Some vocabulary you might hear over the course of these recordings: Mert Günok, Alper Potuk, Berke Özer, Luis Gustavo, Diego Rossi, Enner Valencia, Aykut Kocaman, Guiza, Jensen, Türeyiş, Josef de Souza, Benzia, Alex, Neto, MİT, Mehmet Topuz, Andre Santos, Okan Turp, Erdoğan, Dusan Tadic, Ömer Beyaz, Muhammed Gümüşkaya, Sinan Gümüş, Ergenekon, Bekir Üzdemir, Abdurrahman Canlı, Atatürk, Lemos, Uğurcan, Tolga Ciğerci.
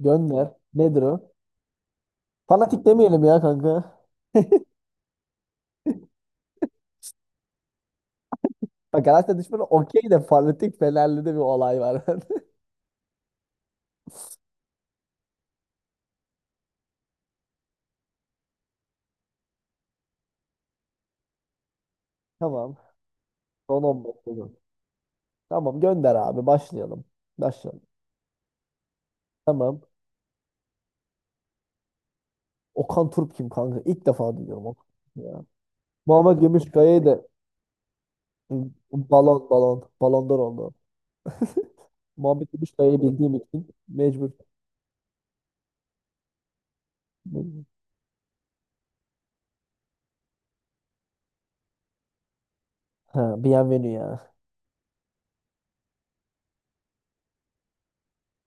Gönder. Nedir o? Fanatik demeyelim ya kanka. Bak, Galatasaray düşmanı okey de fanatik Fenerli'de bir olay var. Tamam. Son 15 sezon. Tamam, gönder abi, başlayalım. Başlayalım. Tamam. Okan Turp kim kanka? İlk defa duyuyorum Okan. Turp'u ya. Muhammed Gümüşkaya'yı da balon balondor oldu. Muhammed Gümüşkaya'yı bildiğim için mecbur. Ha, Bienvenue ya.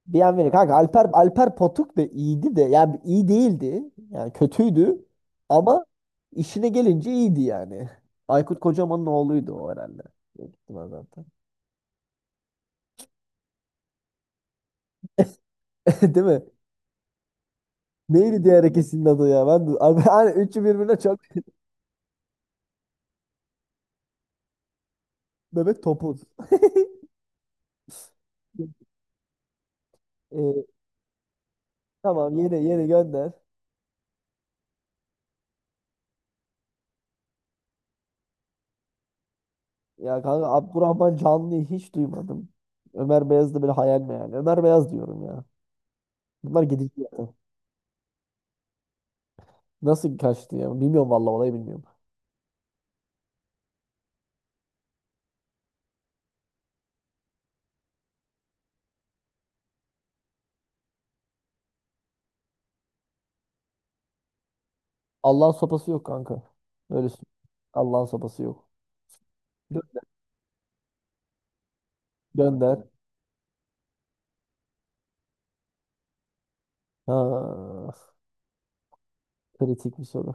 Bienveni kanka, Alper Potuk da iyiydi de yani iyi değildi. Yani kötüydü ama işine gelince iyiydi yani. Aykut Kocaman'ın oğluydu o herhalde. Büyük ihtimal zaten. Değil mi? Neydi diğer ikisinin adı ya? Ben de, abi, hani üçü birbirine çok. Mehmet Topuz. Ee, tamam, yeni gönder. Ya kanka, Abdurrahman Canlı'yı hiç duymadım. Ömer Beyaz da böyle hayal mi yani? Ömer Beyaz diyorum ya. Bunlar gidici ya. Nasıl kaçtı ya? Bilmiyorum, vallahi olayı bilmiyorum. Allah'ın sopası yok kanka. Öyle söyleyeyim. Allah'ın sopası yok. Gö- Gönder. Ha, kritik bir soru.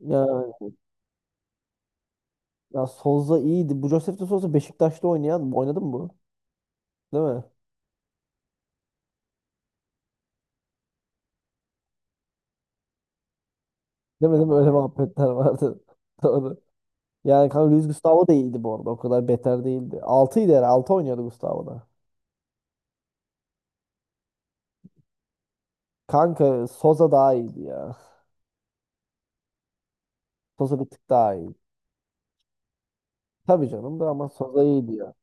Ya, ya Souza iyiydi. Bu Josef de Souza Beşiktaş'ta oynayan. Oynadı mı bu? Değil mi? Değil mi? Değil mi? Öyle muhabbetler vardı. Doğru. Yani kanka, Luis Gustavo da iyiydi bu arada. O kadar beter değildi. Altıydı herhalde. 6 oynuyordu Gustavo da. Kanka Souza daha iyiydi ya. Souza bir tık daha iyiydi. Tabii canım, da ama Souza iyiydi ya.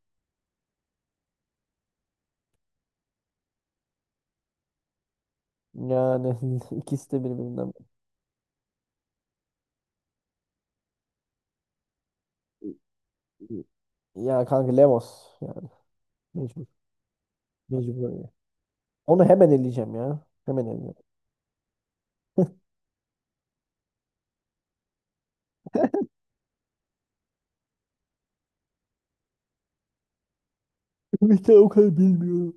Yani ikisi de birbirinden. Ya kanka, Lemos yani mecbur. Mecbur öyle. Onu hemen eleyeceğim ya. Hemen eleyeceğim. Ümit'ten o kadar bilmiyorum.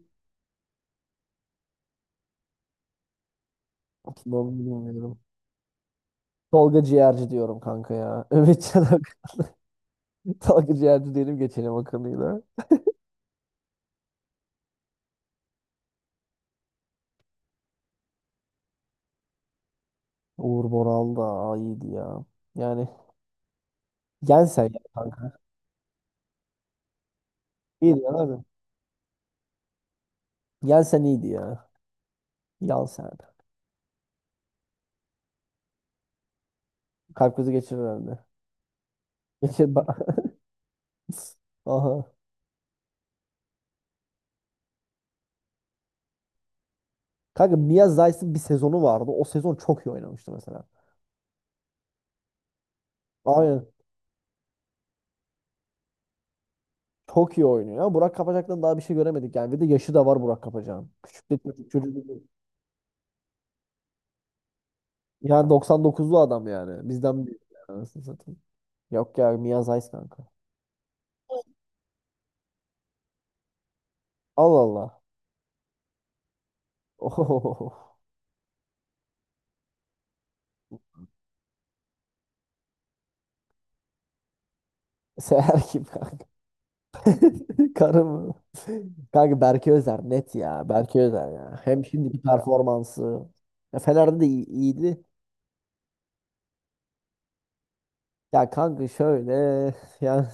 Kim olduğunu bilmiyorum. Tolga Ciğerci diyorum kanka ya. Evet. Tolga Ciğerci diyelim, geçelim akıllıyla. Uğur Boral da, iyiydi ya. Yani Jensen ya kanka. İyiydi ya abi. Jensen iyiydi ya. Jensen. Kalp krizi geçirir herhalde. Geçir bak. Aha. Kanka Mia Zeiss'in bir sezonu vardı. O sezon çok iyi oynamıştı mesela. Aynen. Çok iyi oynuyor. Burak Kapacak'tan daha bir şey göremedik yani. Bir de yaşı da var Burak Kapacak'ın. Küçük de çocuk, çocuk değil. Yani 99'lu adam yani. Bizden büyük. Yani anasını satayım. Yok ya, Miyaz Ays kanka. Allah Allah. Oho. Seher kim kanka? Karı mı? Kanka Berke Özer net ya. Berke Özer ya. Hem şimdiki performansı. Ya Fener'de de iyi- iyiydi. Ya kanka şöyle, yani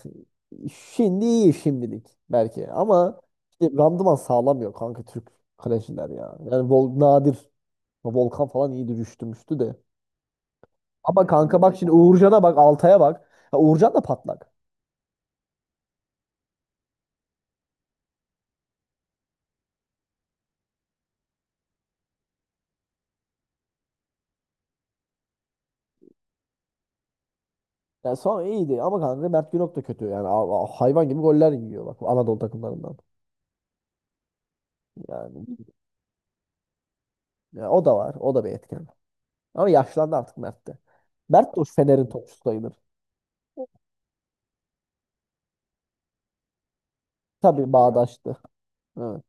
şimdi iyi, şimdilik belki, ama işte randıman sağlamıyor kanka, Türk kaleciler ya. Yani Vol nadir Volkan falan iyi düştümüştü de. Ama kanka bak, şimdi Uğurcan'a bak, Altay'a bak. Ya Uğurcan da patlak. Ya sonra iyiydi ama kanka Mert Günok da kötü yani, a- a- hayvan gibi goller yiyor bak, Anadolu takımlarından. Yani ya, o da var, o da bir etken. Ama yaşlandı artık Mert de. Mert de o Fener'in topçusu sayılır. Tabii bağdaştı. Ha.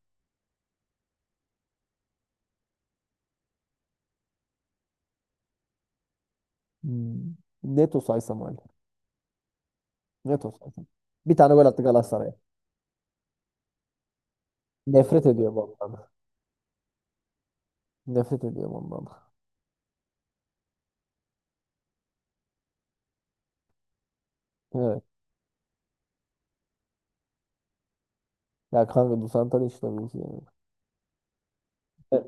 Hmm. Neto saysam öyle. Neto saysam. Bir tane gol attı Galatasaray'a. Nefret ediyorum ondan. Nefret ediyorum ondan. Evet. Ya kanka, Dusan Tadic tabii ki yani. Evet.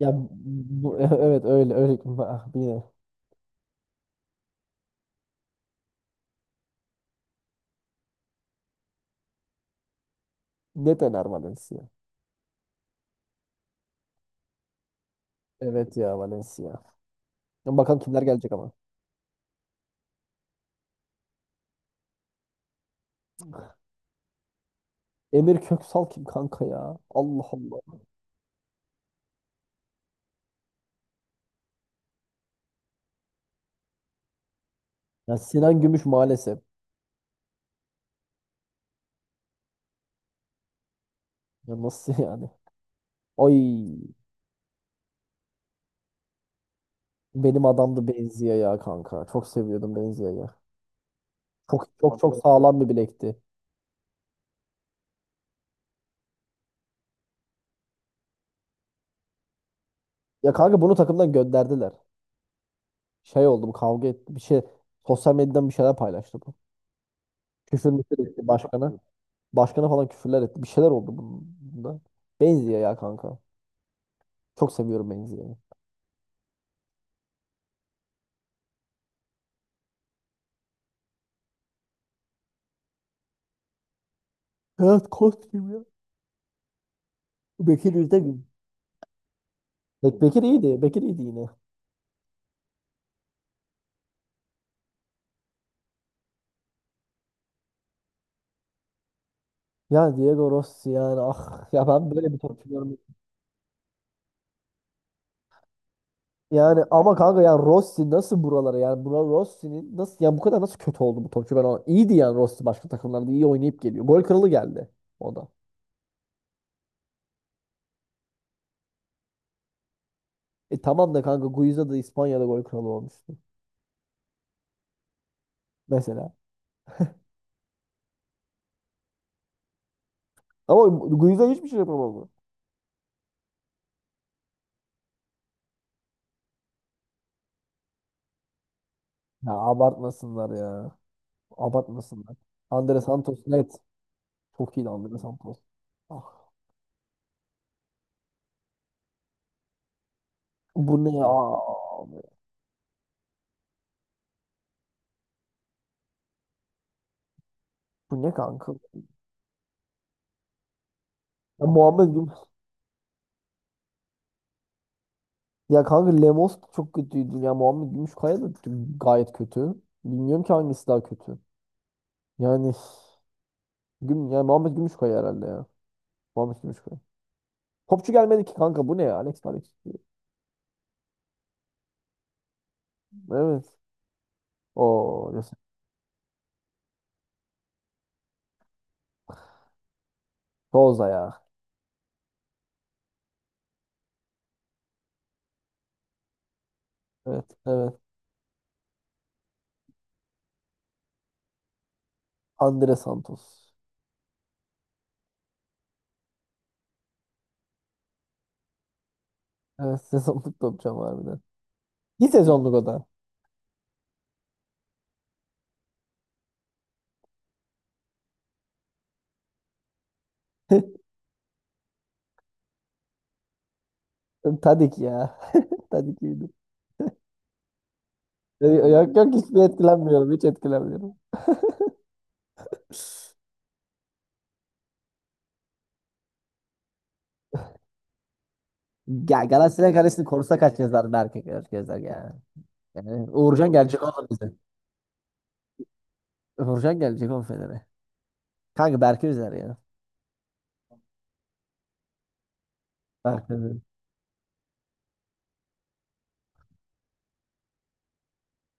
Ya bu, evet öyle öyle. Yine. Ne döner Valencia? Evet ya, Valencia. Ya bakalım kimler gelecek ama. Emir Köksal kim kanka ya? Allah Allah. Ya Sinan Gümüş maalesef. Ya nasıl yani? Ay, benim adamdı Benzia ya kanka. Çok seviyordum Benzia'yı. Çok çok çok sağlam bir bilekti. Ya kanka, bunu takımdan gönderdiler. Şey oldu, bu kavga etti. Bir şey sosyal medyadan bir şeyler paylaştı bu. Küfür müfür etti başkana. Başkana falan küfürler etti. Bir şeyler oldu bunda. Benziyor ya kanka. Çok seviyorum Benzia'yı. Evet, Kostim ya. Bekir Üzdemir. Bekir iyiydi. Bekir iyiydi yine. Yani Diego Rossi yani, ah ya, ben böyle bir top görmedim. Yani ama kanka ya, Rossi nasıl buralara, yani buna Rossi'nin nasıl, ya bu kadar nasıl kötü oldu bu topçu ben ona. İyiydi yani Rossi, başka takımlarda iyi oynayıp geliyor. Gol kralı geldi o da. E tamam da kanka, Guiza da İspanya'da gol kralı olmuştu. Mesela. Ama Guiza hiçbir şey yapamadı. Ya abartmasınlar ya. Abartmasınlar. Andre Santos net. Çok iyi Andre Santos. Ah, bu ne ya? Bu ne kanka? Ya Muhammed Güm Ya kanka, Lemos da çok kötüydü. Ya Muhammed Gümüşkaya da gayet kötü. Bilmiyorum ki hangisi daha kötü. Yani Güm ya Muhammed Gümüşkaya herhalde ya. Muhammed Gümüşkaya. Topçu gelmedi ki kanka, bu ne ya? Alex. Evet. O Boza ya. Evet, evet. Andre Santos. Evet, sezonluk topçam harbiden. Bir sezonluk o da. Tadik ya. Tadik iyiydi. Yok yok, hiçbir etkilenmiyorum. Hiç etkilenmiyorum. Ya Galatasaray Kalesi'ni korusa kaç yazar, Berke gözler ya. Yani Uğurcan gelecek oğlum bize. Uğurcan gelecek oğlum Fener'e. Kanka Berke üzer ya. Berke üzer.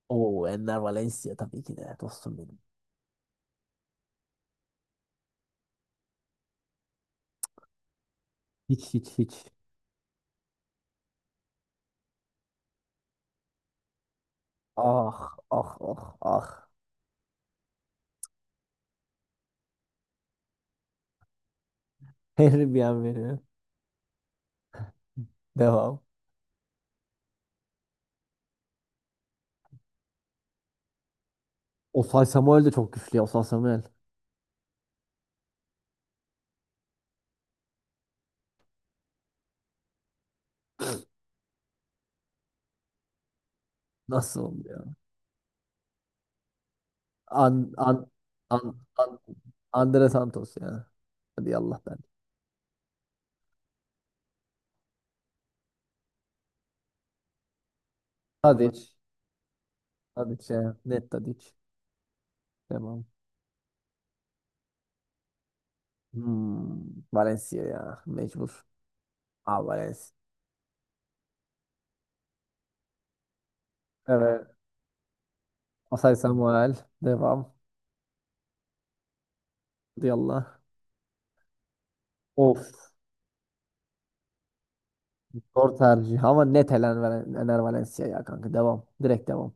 Oo, Enner Valencia tabii ki de dostum benim. Hiç hiç hiç. Ah ah ah ah. Her bir an veriyor. Devam. Osay Samuel de çok güçlü ya. Osay Samuel. Nasıl oldu ya? An, an, an, an, Andre Santos ya. Hadi Allah ben. Tadiç. Tadiç ya. Net Tadiç. Tamam. Hmm, Valencia ya. Mecbur. Aa, Valencia. Evet. Osay Samuel. Devam. Hadi Allah. Of. Zor tercih. Ama net Ener Valencia ya kanka. Devam. Direkt devam.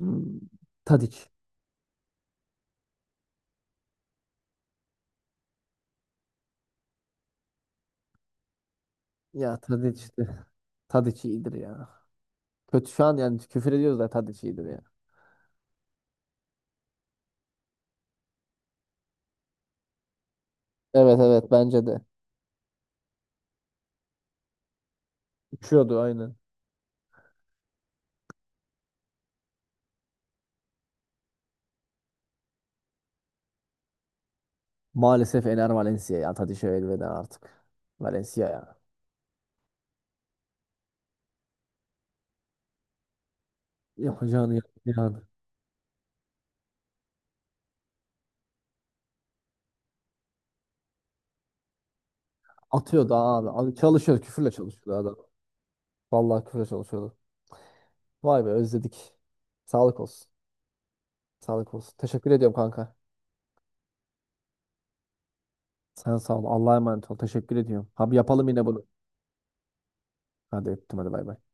Hmm. Tadiç. Ya Tadiç. de- Tadiç iyidir ya. Kötü şu an, yani küfür ediyoruz da Tadiç iyidir ya. Evet evet, bence de. Uçuyordu aynen. Maalesef Ener Valencia ya. Tadişe elveda artık. Valencia ya. Yapacağını yaptı yani. Atıyordu abi. Abi çalışıyor. Küfürle çalışıyordu adam. Vallahi küfürle çalışıyordu. Vay be, özledik. Sağlık olsun. Sağlık olsun. Teşekkür ediyorum kanka. Sen sağ ol. Allah'a emanet ol. Teşekkür ediyorum. Abi yapalım yine bunu. Hadi öptüm, hadi bay bay.